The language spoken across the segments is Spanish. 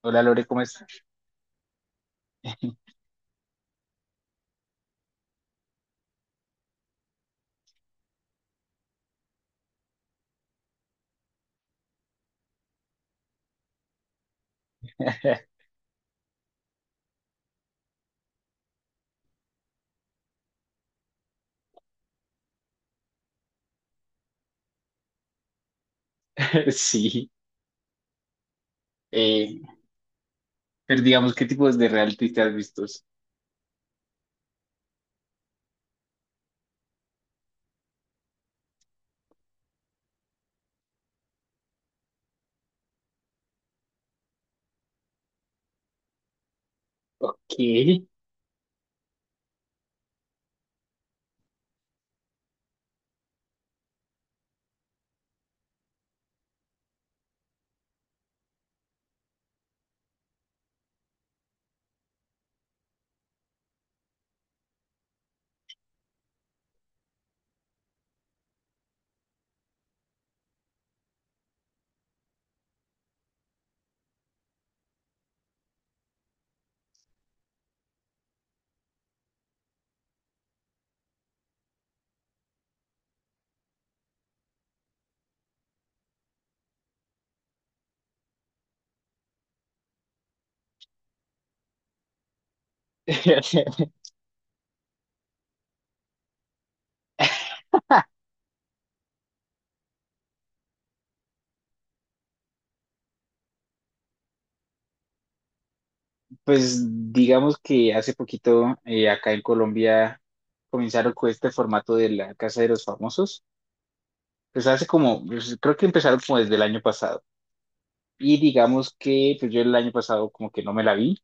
Hola Lore, ¿cómo estás? Sí, eh, pero digamos, ¿qué tipos de reality te has visto? Ok. Pues digamos que hace poquito acá en Colombia comenzaron con este formato de la Casa de los Famosos. Pues hace como, pues, creo que empezaron como desde el año pasado. Y digamos que pues yo el año pasado como que no me la vi,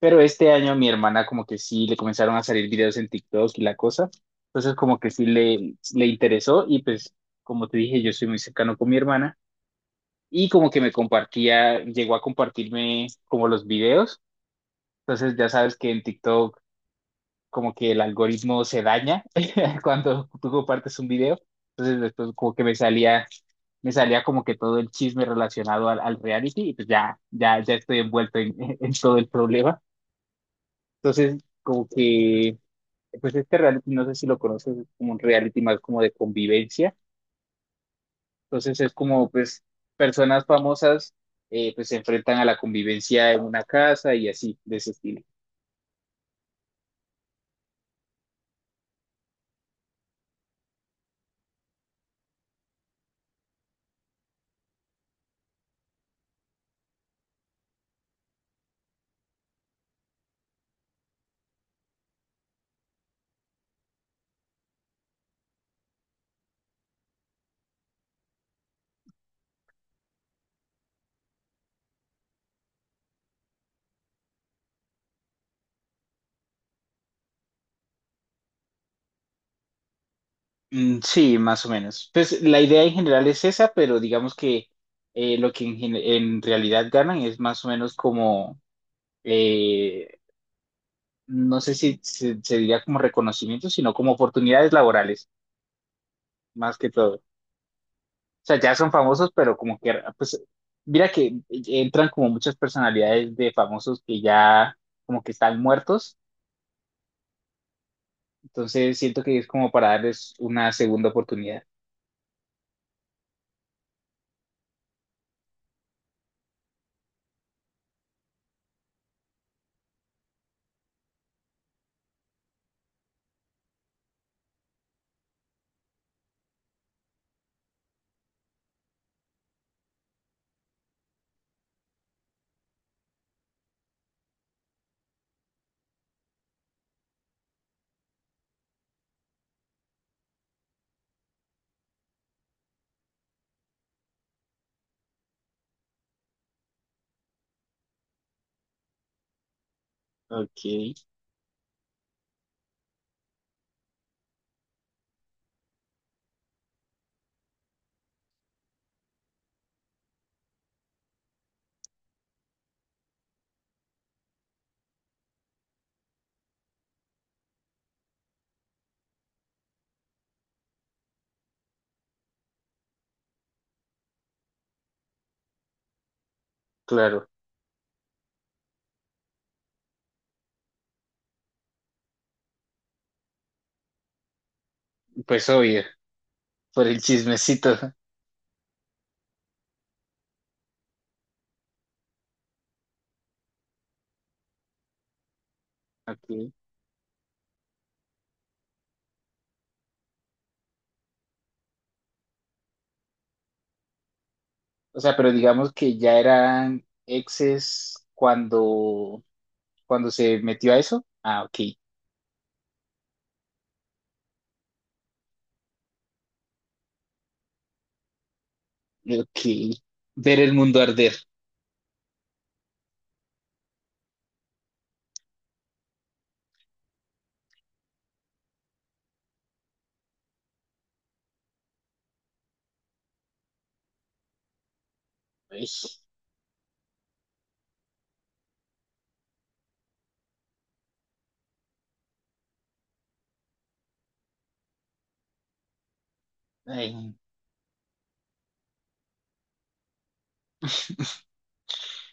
pero este año mi hermana como que sí le comenzaron a salir videos en TikTok y la cosa. Entonces como que sí le interesó y pues como te dije, yo soy muy cercano con mi hermana y como que me compartía, llegó a compartirme como los videos. Entonces ya sabes que en TikTok como que el algoritmo se daña cuando tú compartes un video. Entonces después como que me salía como que todo el chisme relacionado al reality y pues ya, ya, ya estoy envuelto en en todo el problema. Entonces como que pues este reality, no sé si lo conoces, es como un reality más como de convivencia. Entonces es como pues personas famosas, pues se enfrentan a la convivencia en una casa y así, de ese estilo. Mm, sí, más o menos. Pues la idea en general es esa, pero digamos que lo que en realidad ganan es más o menos como, eh, no sé si se diría como reconocimiento, sino como oportunidades laborales, más que todo. O sea, ya son famosos, pero como que, pues, mira que entran como muchas personalidades de famosos que ya como que están muertos. Entonces siento que es como para darles una segunda oportunidad. Ok, claro. Pues obvio, por el chismecito. Ok. O sea, pero digamos que ya eran exes cuando se metió a eso. Ah, ok. Ok. Ver el mundo arder. Ay, ay.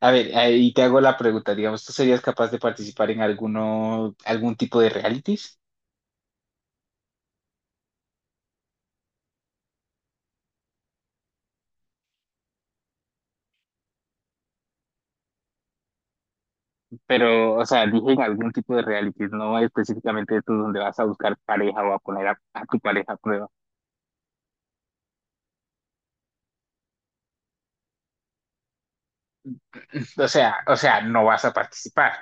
A ver, ahí te hago la pregunta, digamos, ¿tú serías capaz de participar en alguno, algún tipo de realities? Pero, o sea, dije en algún tipo de realities, no específicamente estos donde vas a buscar pareja o a poner a tu pareja a prueba. O sea, no vas a participar,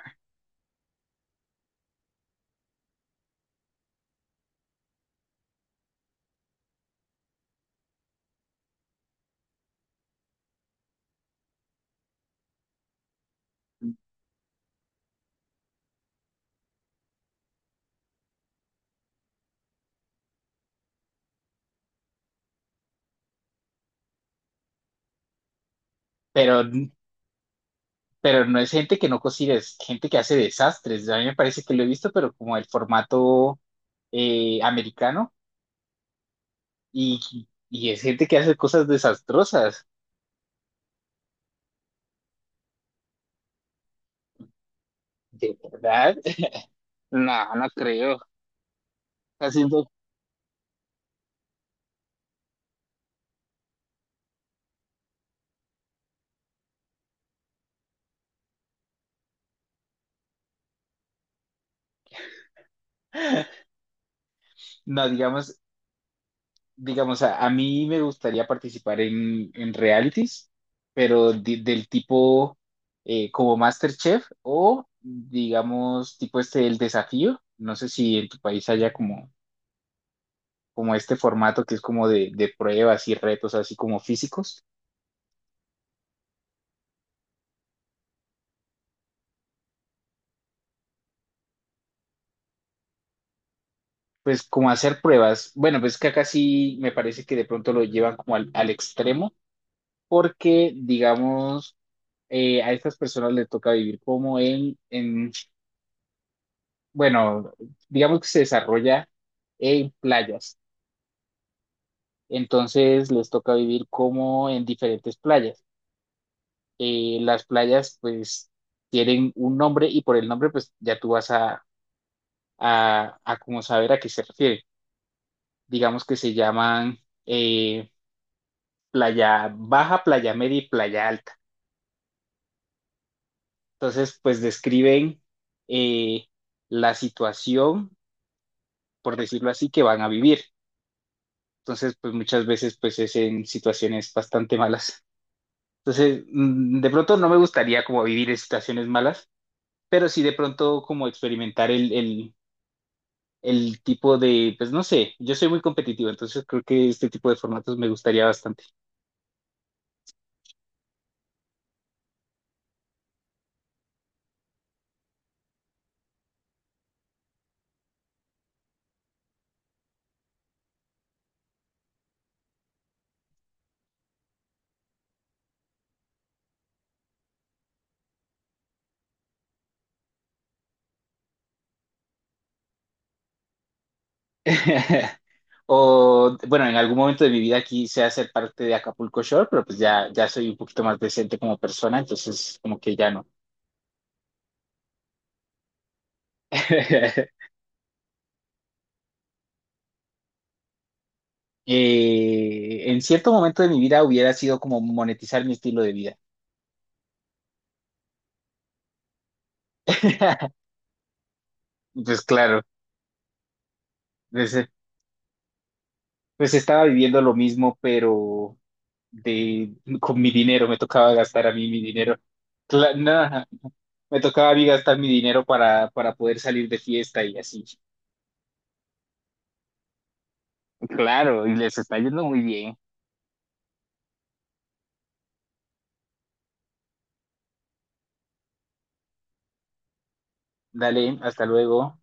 pero, pero no es gente que no cocina, es gente que hace desastres. A mí me parece que lo he visto, pero como el formato americano y, y es gente que hace cosas desastrosas, ¿de verdad? No, no creo. Haciendo no, digamos, digamos, a mí me gustaría participar en realities, pero del tipo como MasterChef o, digamos, tipo este, el desafío. No sé si en tu país haya como, como este formato que es como de pruebas y retos así como físicos. Pues como hacer pruebas. Bueno, pues que acá sí me parece que de pronto lo llevan como al extremo, porque, digamos, a estas personas les toca vivir como en bueno, digamos que se desarrolla en playas, entonces les toca vivir como en diferentes playas. Las playas pues tienen un nombre y por el nombre pues ya tú vas a, a como saber a qué se refiere. Digamos que se llaman eh, playa baja, playa media y playa alta. Entonces pues describen, eh, la situación, por decirlo así, que van a vivir. Entonces, pues muchas veces pues es en situaciones bastante malas. Entonces, de pronto no me gustaría como vivir en situaciones malas, pero sí de pronto como experimentar el tipo de, pues no sé, yo soy muy competitivo, entonces creo que este tipo de formatos me gustaría bastante. O, bueno, en algún momento de mi vida quise hacer parte de Acapulco Shore, pero pues ya, ya soy un poquito más decente como persona, entonces como que ya no. En cierto momento de mi vida hubiera sido como monetizar mi estilo de vida. Pues claro, pues estaba viviendo lo mismo, pero de, con mi dinero, me tocaba gastar a mí mi dinero. Nada, me tocaba a mí gastar mi dinero para poder salir de fiesta y así. Claro, y les está yendo muy bien. Dale, hasta luego.